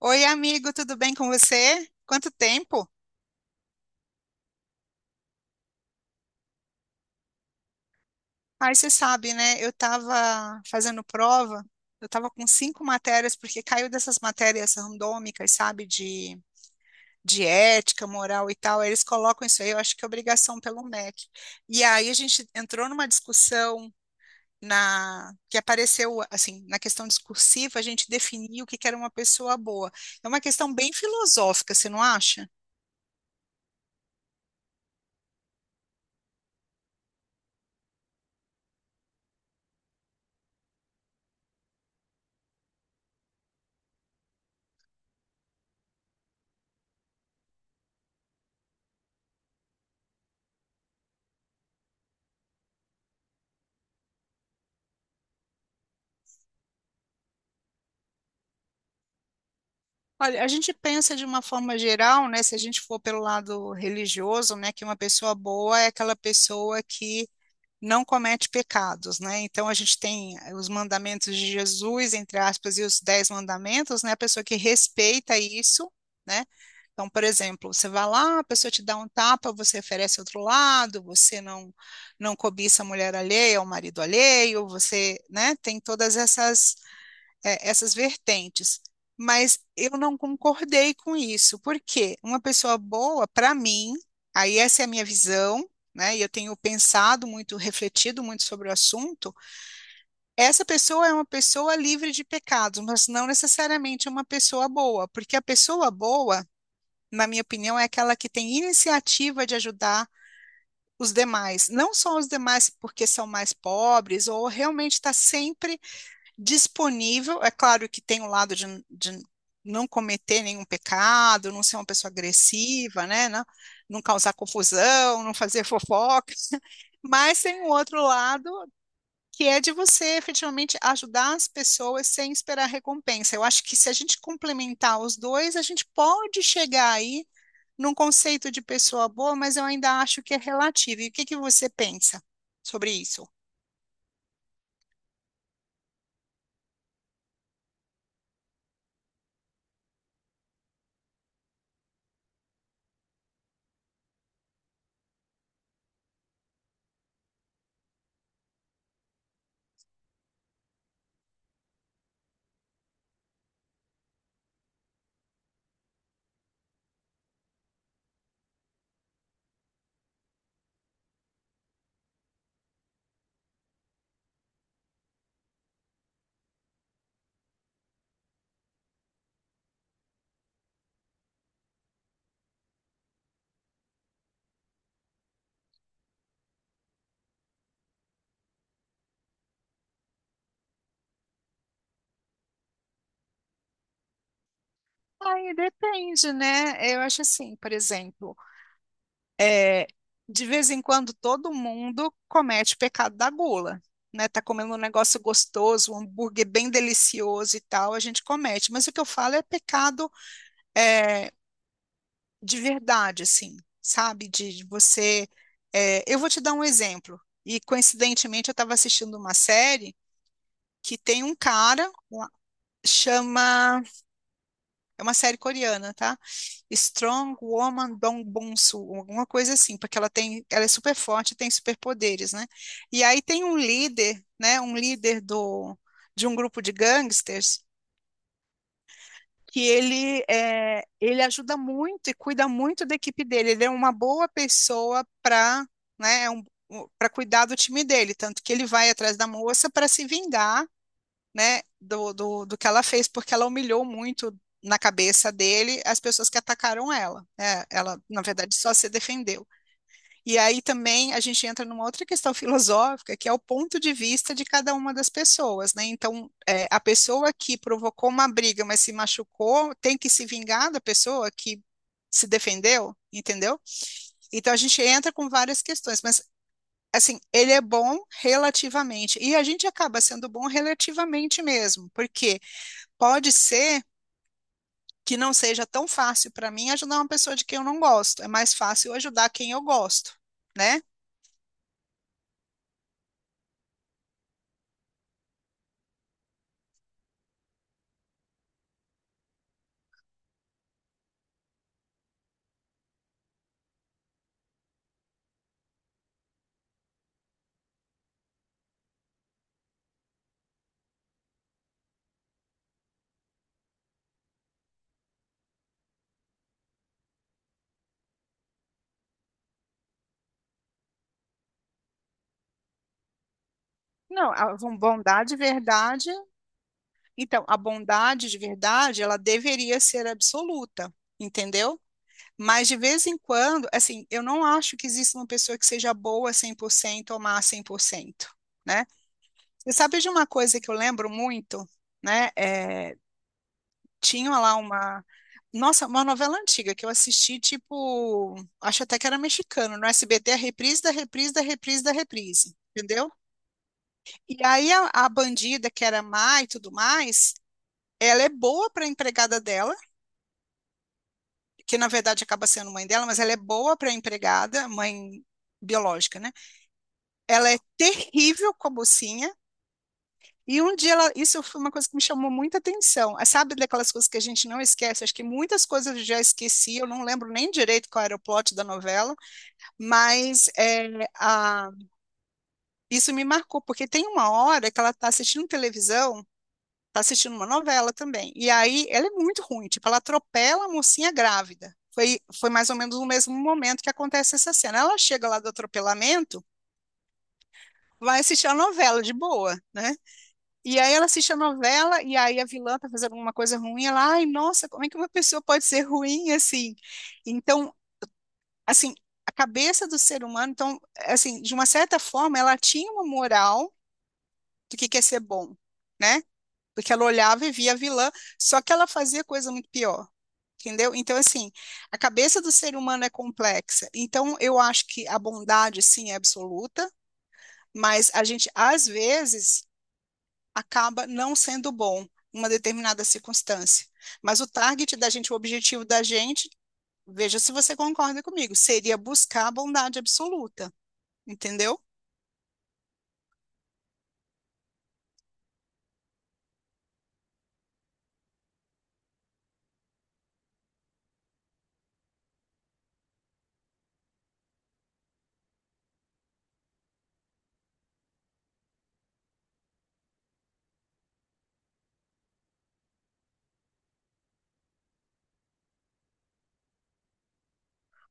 Oi, amigo, tudo bem com você? Quanto tempo? Aí você sabe, né? Eu estava fazendo prova, eu estava com 5 matérias, porque caiu dessas matérias randômicas, sabe? De ética, moral e tal. Aí eles colocam isso aí, eu acho que é obrigação pelo MEC. E aí a gente entrou numa discussão na que apareceu, assim, na questão discursiva, a gente definiu o que que era uma pessoa boa. É uma questão bem filosófica, você não acha? Olha, a gente pensa de uma forma geral, né? Se a gente for pelo lado religioso, né, que uma pessoa boa é aquela pessoa que não comete pecados, né? Então a gente tem os mandamentos de Jesus, entre aspas, e os 10 mandamentos, né? A pessoa que respeita isso, né? Então, por exemplo, você vai lá, a pessoa te dá um tapa, você oferece outro lado, você não cobiça a mulher alheia, o marido alheio, você, né? Tem todas essas essas vertentes. Mas eu não concordei com isso, porque uma pessoa boa, para mim, aí essa é a minha visão, né? E eu tenho pensado muito, refletido muito sobre o assunto. Essa pessoa é uma pessoa livre de pecados, mas não necessariamente uma pessoa boa, porque a pessoa boa, na minha opinião, é aquela que tem iniciativa de ajudar os demais, não só os demais porque são mais pobres ou realmente está sempre disponível. É claro que tem o lado de não cometer nenhum pecado, não ser uma pessoa agressiva, né? Não, não causar confusão, não fazer fofoca. Mas tem um outro lado que é de você efetivamente ajudar as pessoas sem esperar recompensa. Eu acho que se a gente complementar os dois, a gente pode chegar aí num conceito de pessoa boa, mas eu ainda acho que é relativo. E o que que você pensa sobre isso? Aí depende, né? Eu acho assim, por exemplo. É, de vez em quando todo mundo comete o pecado da gula, né? Tá comendo um negócio gostoso, um hambúrguer bem delicioso e tal, a gente comete. Mas o que eu falo é pecado é, de verdade, assim, sabe? De você. Eu vou te dar um exemplo. E coincidentemente eu estava assistindo uma série que tem um cara, lá, chama. É uma série coreana, tá? Strong Woman Dong Bong-soo, alguma coisa assim, porque ela tem, ela é super forte, tem superpoderes, né? E aí tem um líder, né? Um líder de um grupo de gangsters que ele ajuda muito e cuida muito da equipe dele. Ele é uma boa pessoa para, né? É um, para cuidar do time dele, tanto que ele vai atrás da moça para se vingar né, do que ela fez, porque ela humilhou muito na cabeça dele as pessoas que atacaram ela. Né? Ela, na verdade, só se defendeu. E aí também a gente entra numa outra questão filosófica, que é o ponto de vista de cada uma das pessoas, né? Então, a pessoa que provocou uma briga, mas se machucou, tem que se vingar da pessoa que se defendeu, entendeu? Então a gente entra com várias questões, mas assim, ele é bom relativamente, e a gente acaba sendo bom relativamente mesmo, porque pode ser que não seja tão fácil para mim ajudar uma pessoa de quem eu não gosto. É mais fácil eu ajudar quem eu gosto, né? Não, a bondade e verdade. Então, a bondade de verdade, ela deveria ser absoluta, entendeu? Mas de vez em quando, assim, eu não acho que exista uma pessoa que seja boa 100% ou má 100%, né? Você sabe de uma coisa que eu lembro muito, né? Tinha lá uma. Nossa, uma novela antiga que eu assisti, tipo. Acho até que era mexicano, no SBT, a reprise da reprise da reprise da reprise. Entendeu? E aí a bandida, que era má e tudo mais, ela é boa para empregada dela, que na verdade acaba sendo mãe dela, mas ela é boa para empregada, mãe biológica, né? Ela é terrível com a mocinha. E um dia ela, isso foi uma coisa que me chamou muita atenção. Ah, sabe daquelas coisas que a gente não esquece? Acho que muitas coisas eu já esqueci, eu não lembro nem direito qual era o plot da novela, mas é, a- isso me marcou, porque tem uma hora que ela está assistindo televisão, está assistindo uma novela também. E aí ela é muito ruim, tipo, ela atropela a mocinha grávida. Foi mais ou menos no mesmo momento que acontece essa cena. Ela chega lá do atropelamento, vai assistir a novela de boa, né? E aí ela assiste a novela e aí a vilã tá fazendo alguma coisa ruim, ela, ai, nossa, como é que uma pessoa pode ser ruim assim? Então, assim, a cabeça do ser humano, então, assim, de uma certa forma, ela tinha uma moral do que quer ser bom, né? Porque ela olhava e via a vilã, só que ela fazia coisa muito pior. Entendeu? Então, assim, a cabeça do ser humano é complexa. Então, eu acho que a bondade, sim, é absoluta, mas a gente, às vezes, acaba não sendo bom em uma determinada circunstância. Mas o target da gente, o objetivo da gente, veja se você concorda comigo, seria buscar a bondade absoluta, entendeu?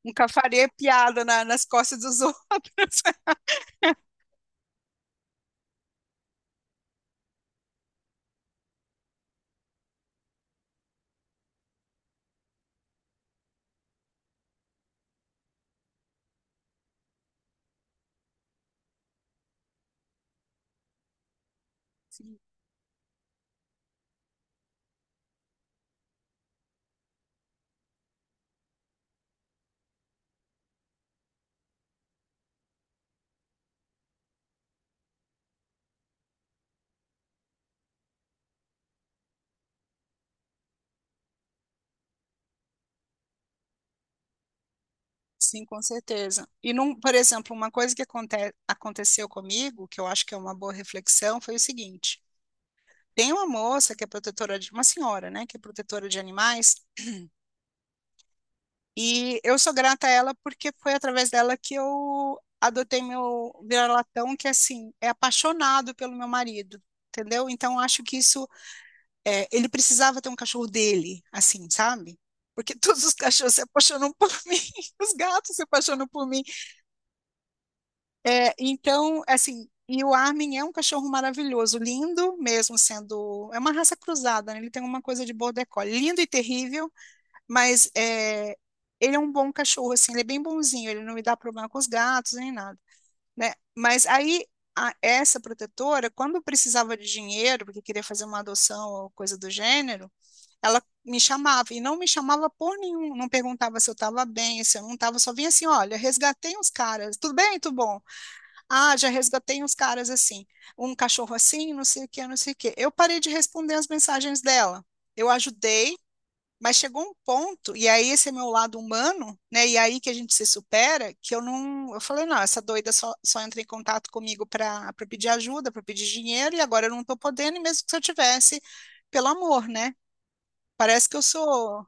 Nunca faria piada nas costas dos outros. Sim, com certeza. E, não, por exemplo, uma coisa que aconteceu comigo, que eu acho que é uma boa reflexão, foi o seguinte: tem uma moça que é protetora de, uma senhora, né, que é protetora de animais. E eu sou grata a ela porque foi através dela que eu adotei meu vira-latão, que assim, é apaixonado pelo meu marido, entendeu? Então acho que isso, é, ele precisava ter um cachorro dele, assim, sabe? Porque todos os cachorros se apaixonam por mim, os gatos se apaixonam por mim. É, então, assim, e o Armin é um cachorro maravilhoso, lindo mesmo sendo, é uma raça cruzada, né? Ele tem uma coisa de border collie, lindo e terrível mas é, ele é um bom cachorro, assim, ele é bem bonzinho, ele não me dá problema com os gatos nem nada, né? Mas aí essa protetora, quando precisava de dinheiro, porque queria fazer uma adoção ou coisa do gênero, ela me chamava e não me chamava por nenhum, não perguntava se eu estava bem, se eu não estava, só vinha assim, olha, resgatei uns caras, tudo bem, tudo bom? Ah, já resgatei uns caras assim, um cachorro assim, não sei o que, não sei o que. Eu parei de responder as mensagens dela. Eu ajudei, mas chegou um ponto, e aí esse é meu lado humano, né? E aí que a gente se supera, que eu não, eu falei, não, essa doida só entra em contato comigo para pedir ajuda, para pedir dinheiro, e agora eu não estou podendo, e mesmo que se eu tivesse, pelo amor, né? Parece que eu sou,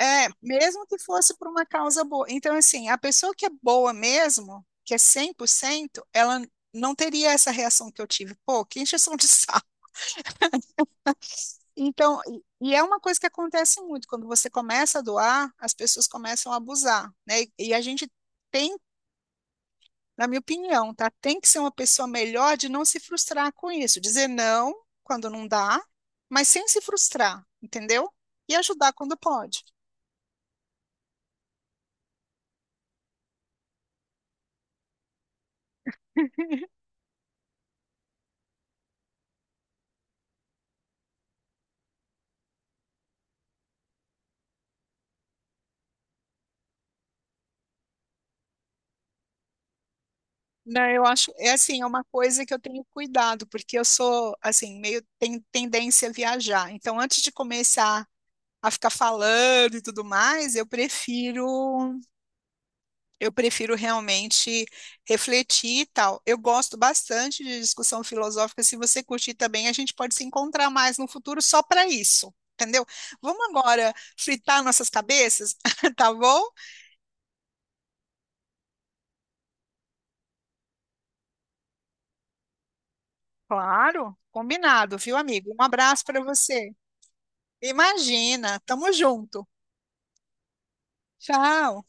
é, mesmo que fosse por uma causa boa. Então, assim, a pessoa que é boa mesmo, que é 100%, ela não teria essa reação que eu tive. Pô, que encheção de saco. Então, e é uma coisa que acontece muito, quando você começa a doar, as pessoas começam a abusar, né? E a gente tem, na minha opinião, tá? Tem que ser uma pessoa melhor de não se frustrar com isso, dizer não quando não dá, mas sem se frustrar, entendeu? E ajudar quando pode. Não, eu acho, é assim, é uma coisa que eu tenho cuidado, porque eu sou, assim, meio tem tendência a viajar. Então, antes de começar a ficar falando e tudo mais, eu prefiro. Eu prefiro realmente refletir e tal. Eu gosto bastante de discussão filosófica. Se você curtir também, a gente pode se encontrar mais no futuro só para isso, entendeu? Vamos agora fritar nossas cabeças, tá bom? Claro, combinado, viu, amigo? Um abraço para você. Imagina, tamo junto. Tchau.